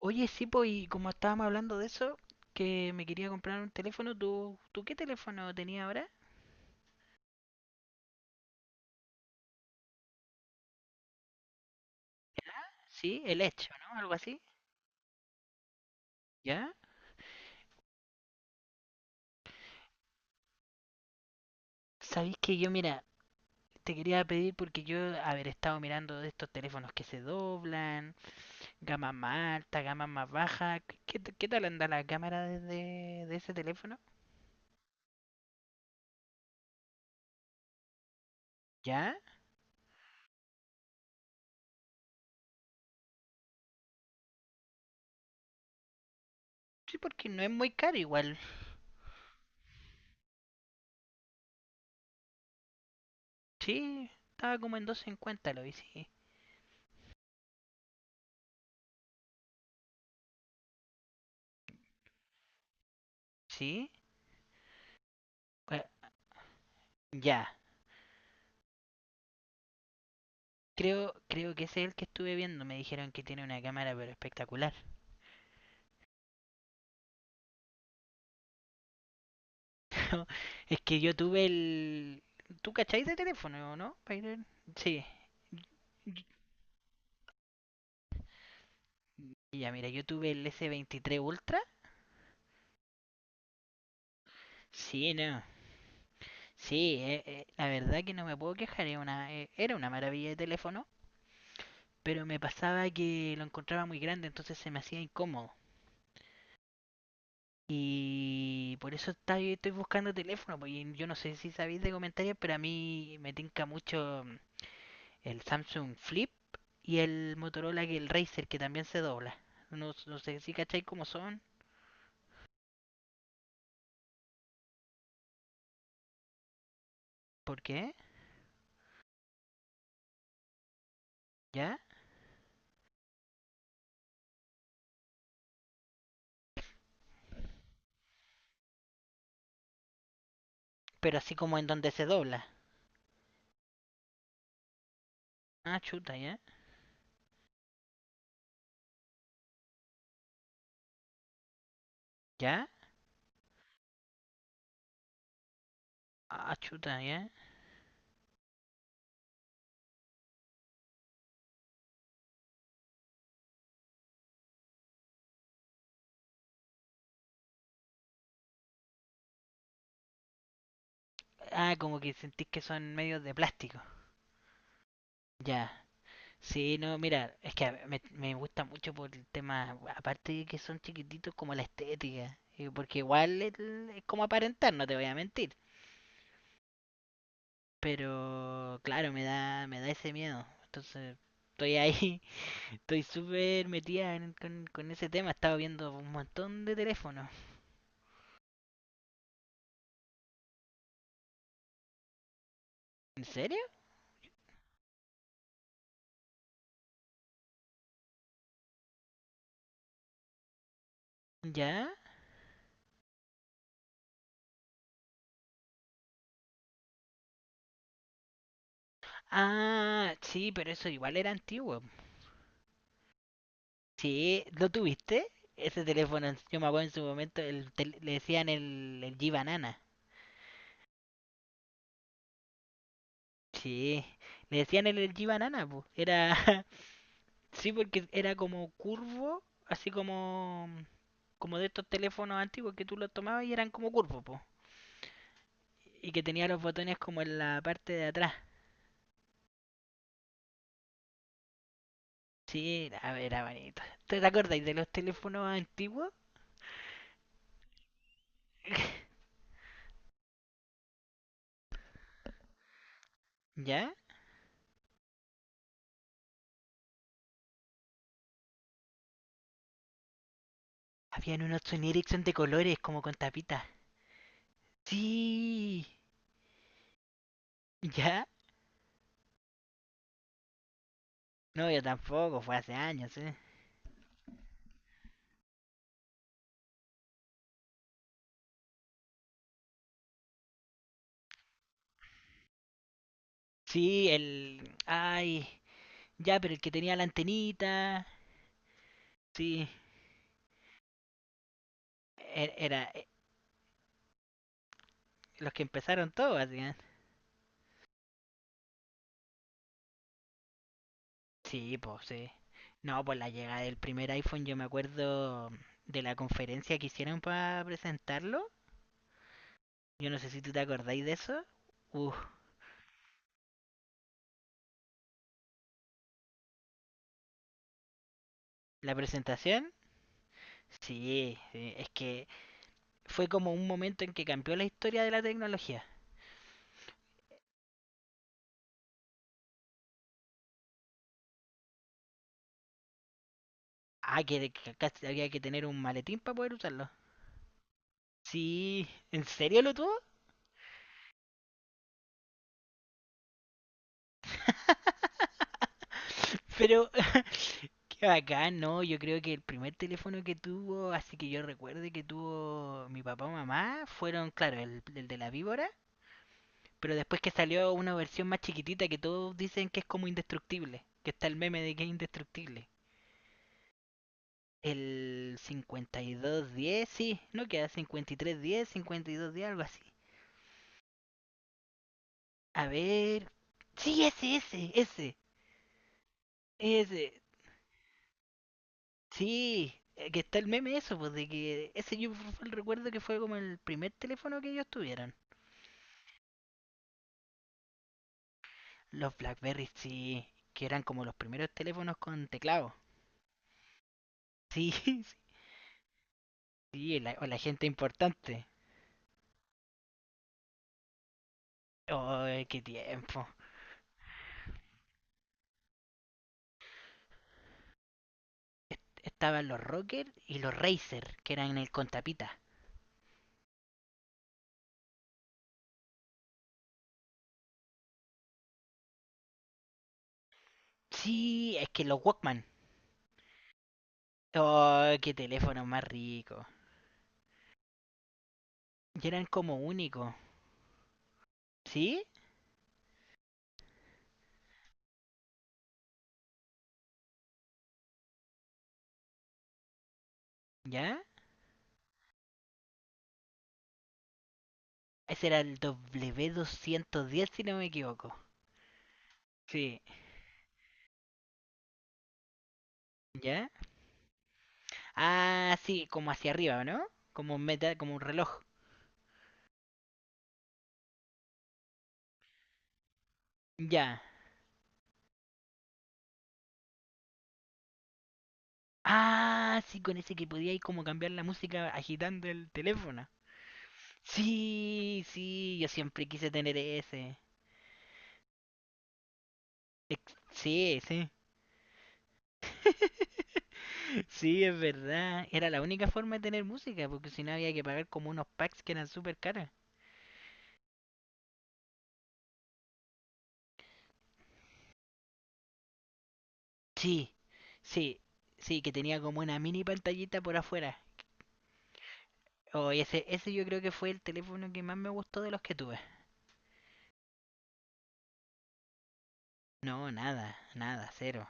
Oye, sí, pues, y como estábamos hablando de eso, que me quería comprar un teléfono, ¿tú qué teléfono tenías ahora? ¿Ya? Sí, el Edge, ¿o no? Algo así. ¿Ya? Sabéis que yo, mira, te quería pedir porque yo, haber estado mirando de estos teléfonos que se doblan, gama más alta, gama más baja. ¿Qué tal anda la cámara de ese teléfono? ¿Ya? Sí, porque no es muy caro igual. Sí, estaba como en 250, lo vi, sí. ¿Sí? Bueno, ya. Creo que ese es el que estuve viendo. Me dijeron que tiene una cámara, pero espectacular. Es que yo tuve el. ¿Tú cacháis de teléfono, no? ¿Byron? Sí. Ya, mira, yo tuve el S23 Ultra. Sí, no. Sí, la verdad que no me puedo quejar. Era una maravilla de teléfono. Pero me pasaba que lo encontraba muy grande, entonces se me hacía incómodo. Y por eso estoy buscando teléfono. Porque yo no sé si sabéis de comentarios, pero a mí me tinca mucho el Samsung Flip y el Motorola, que el Racer, que también se dobla. No, no sé si cacháis cómo son, por qué, ya, pero así como en donde se dobla. Ah, chuta, ya, ya, ah, chuta, ya. Ah, como que sentís que son medios de plástico. Ya, sí, no, mira, es que me gusta mucho por el tema, aparte de que son chiquititos, como la estética. Porque igual es como aparentar, no te voy a mentir. Pero claro, me da ese miedo. Entonces, estoy ahí. Estoy súper metida con ese tema. Estaba viendo un montón de teléfonos. ¿En serio? ¿Ya? Ah, sí, pero eso igual era antiguo. Sí, ¿lo tuviste? Ese teléfono, yo me acuerdo en su momento, le decían el G-Banana. Sí, le decían el G-Banana, po. Era, sí, porque era como curvo, así como de estos teléfonos antiguos que tú los tomabas y eran como curvos, po. Y que tenía los botones como en la parte de atrás. Sí, a ver, era bonito. ¿Te acordáis de los teléfonos antiguos? ¿Ya? Habían unos Sony Ericsson de colores, como con tapitas. Sí. ¿Ya? No, yo tampoco, fue hace años, ¿eh? Sí, ay, ya, pero el que tenía la antenita. Sí, e- era los que empezaron todo, básicamente. Sí, pues sí. No, pues la llegada del primer iPhone, yo me acuerdo de la conferencia que hicieron para presentarlo. Yo no sé si tú te acordáis de eso. Uf, la presentación, sí, sí, es que fue como un momento en que cambió la historia de la tecnología. Ah, que casi había que tener un maletín para poder usarlo. Sí, ¿en serio lo tuvo? Pero qué bacán, no, yo creo que el primer teléfono que tuvo, así que yo recuerde que tuvo mi papá o mamá, fueron, claro, el de la víbora, pero después que salió una versión más chiquitita que todos dicen que es como indestructible, que está el meme de que es indestructible. El 5210, sí, no queda. Cincuenta y tres diez, 5210, algo así. A ver. Sí, ese, ese, ese, ese. Sí, que está el meme eso, pues de que ese yo recuerdo que fue como el primer teléfono que ellos tuvieron. Los Blackberry, sí, que eran como los primeros teléfonos con teclado. Sí, sí, sí, o la gente importante. Oh, qué tiempo. Estaban los Rocker y los Razer, que eran el con tapita. Sí, es que los Walkman. Oh, qué teléfono más rico. Y eran como únicos. ¿Sí? ¿Ya? Ese era el W210, si no me equivoco. Sí, ¿ya? Ah, sí, como hacia arriba, ¿no? Como un meta, como un reloj. Ya. Ah, sí, con ese que podía ir como cambiar la música agitando el teléfono. Sí, sí, yo siempre quise tener ese. Sí, sí. Sí, es verdad. Era la única forma de tener música, porque si no había que pagar como unos packs que eran súper caros. Sí, sí, sí, que tenía como una mini pantallita por afuera. Oh, y ese yo creo que fue el teléfono que más me gustó de los que tuve. No, nada, nada, cero.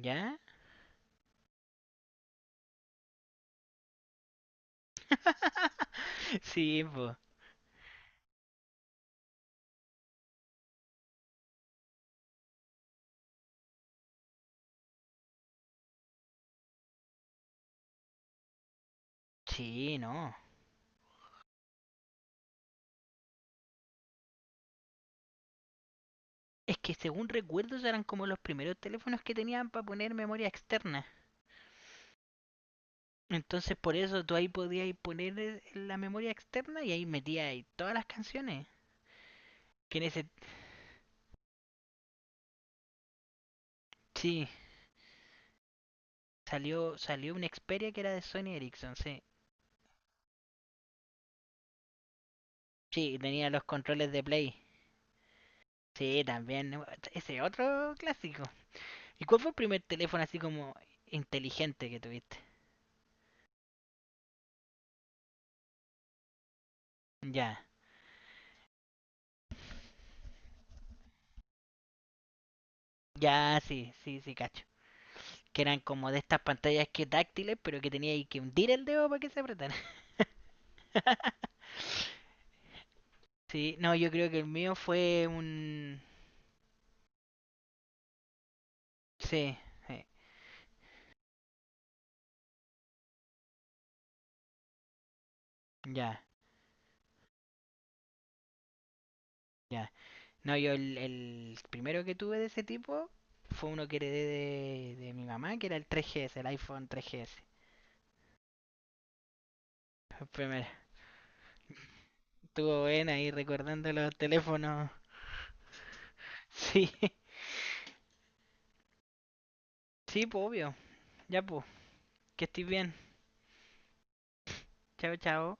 ¿Ya? Sí, pues. Sí, no. Es que según recuerdos eran como los primeros teléfonos que tenían para poner memoria externa. Entonces por eso tú ahí podías poner la memoria externa y ahí metías ahí todas las canciones. Que en ese sí, salió una Xperia que era de Sony Ericsson, sí. Sí, tenía los controles de Play. Sí, también ese otro clásico. ¿Y cuál fue el primer teléfono así como inteligente que tuviste? Ya. Ya, sí, sí, sí, cacho. Que eran como de estas pantallas que táctiles, pero que tenía ahí que hundir el dedo para que se apretara. Sí, no, yo creo que el mío fue un sí, sí, ya, ya. No, yo el, primero que tuve de ese tipo fue uno que heredé de mi mamá, que era el 3GS, el iPhone 3GS. El primero. Estuvo buena ahí recordando los teléfonos. Sí, sí, pues obvio. Ya, pues, que estés bien. Chao, chao.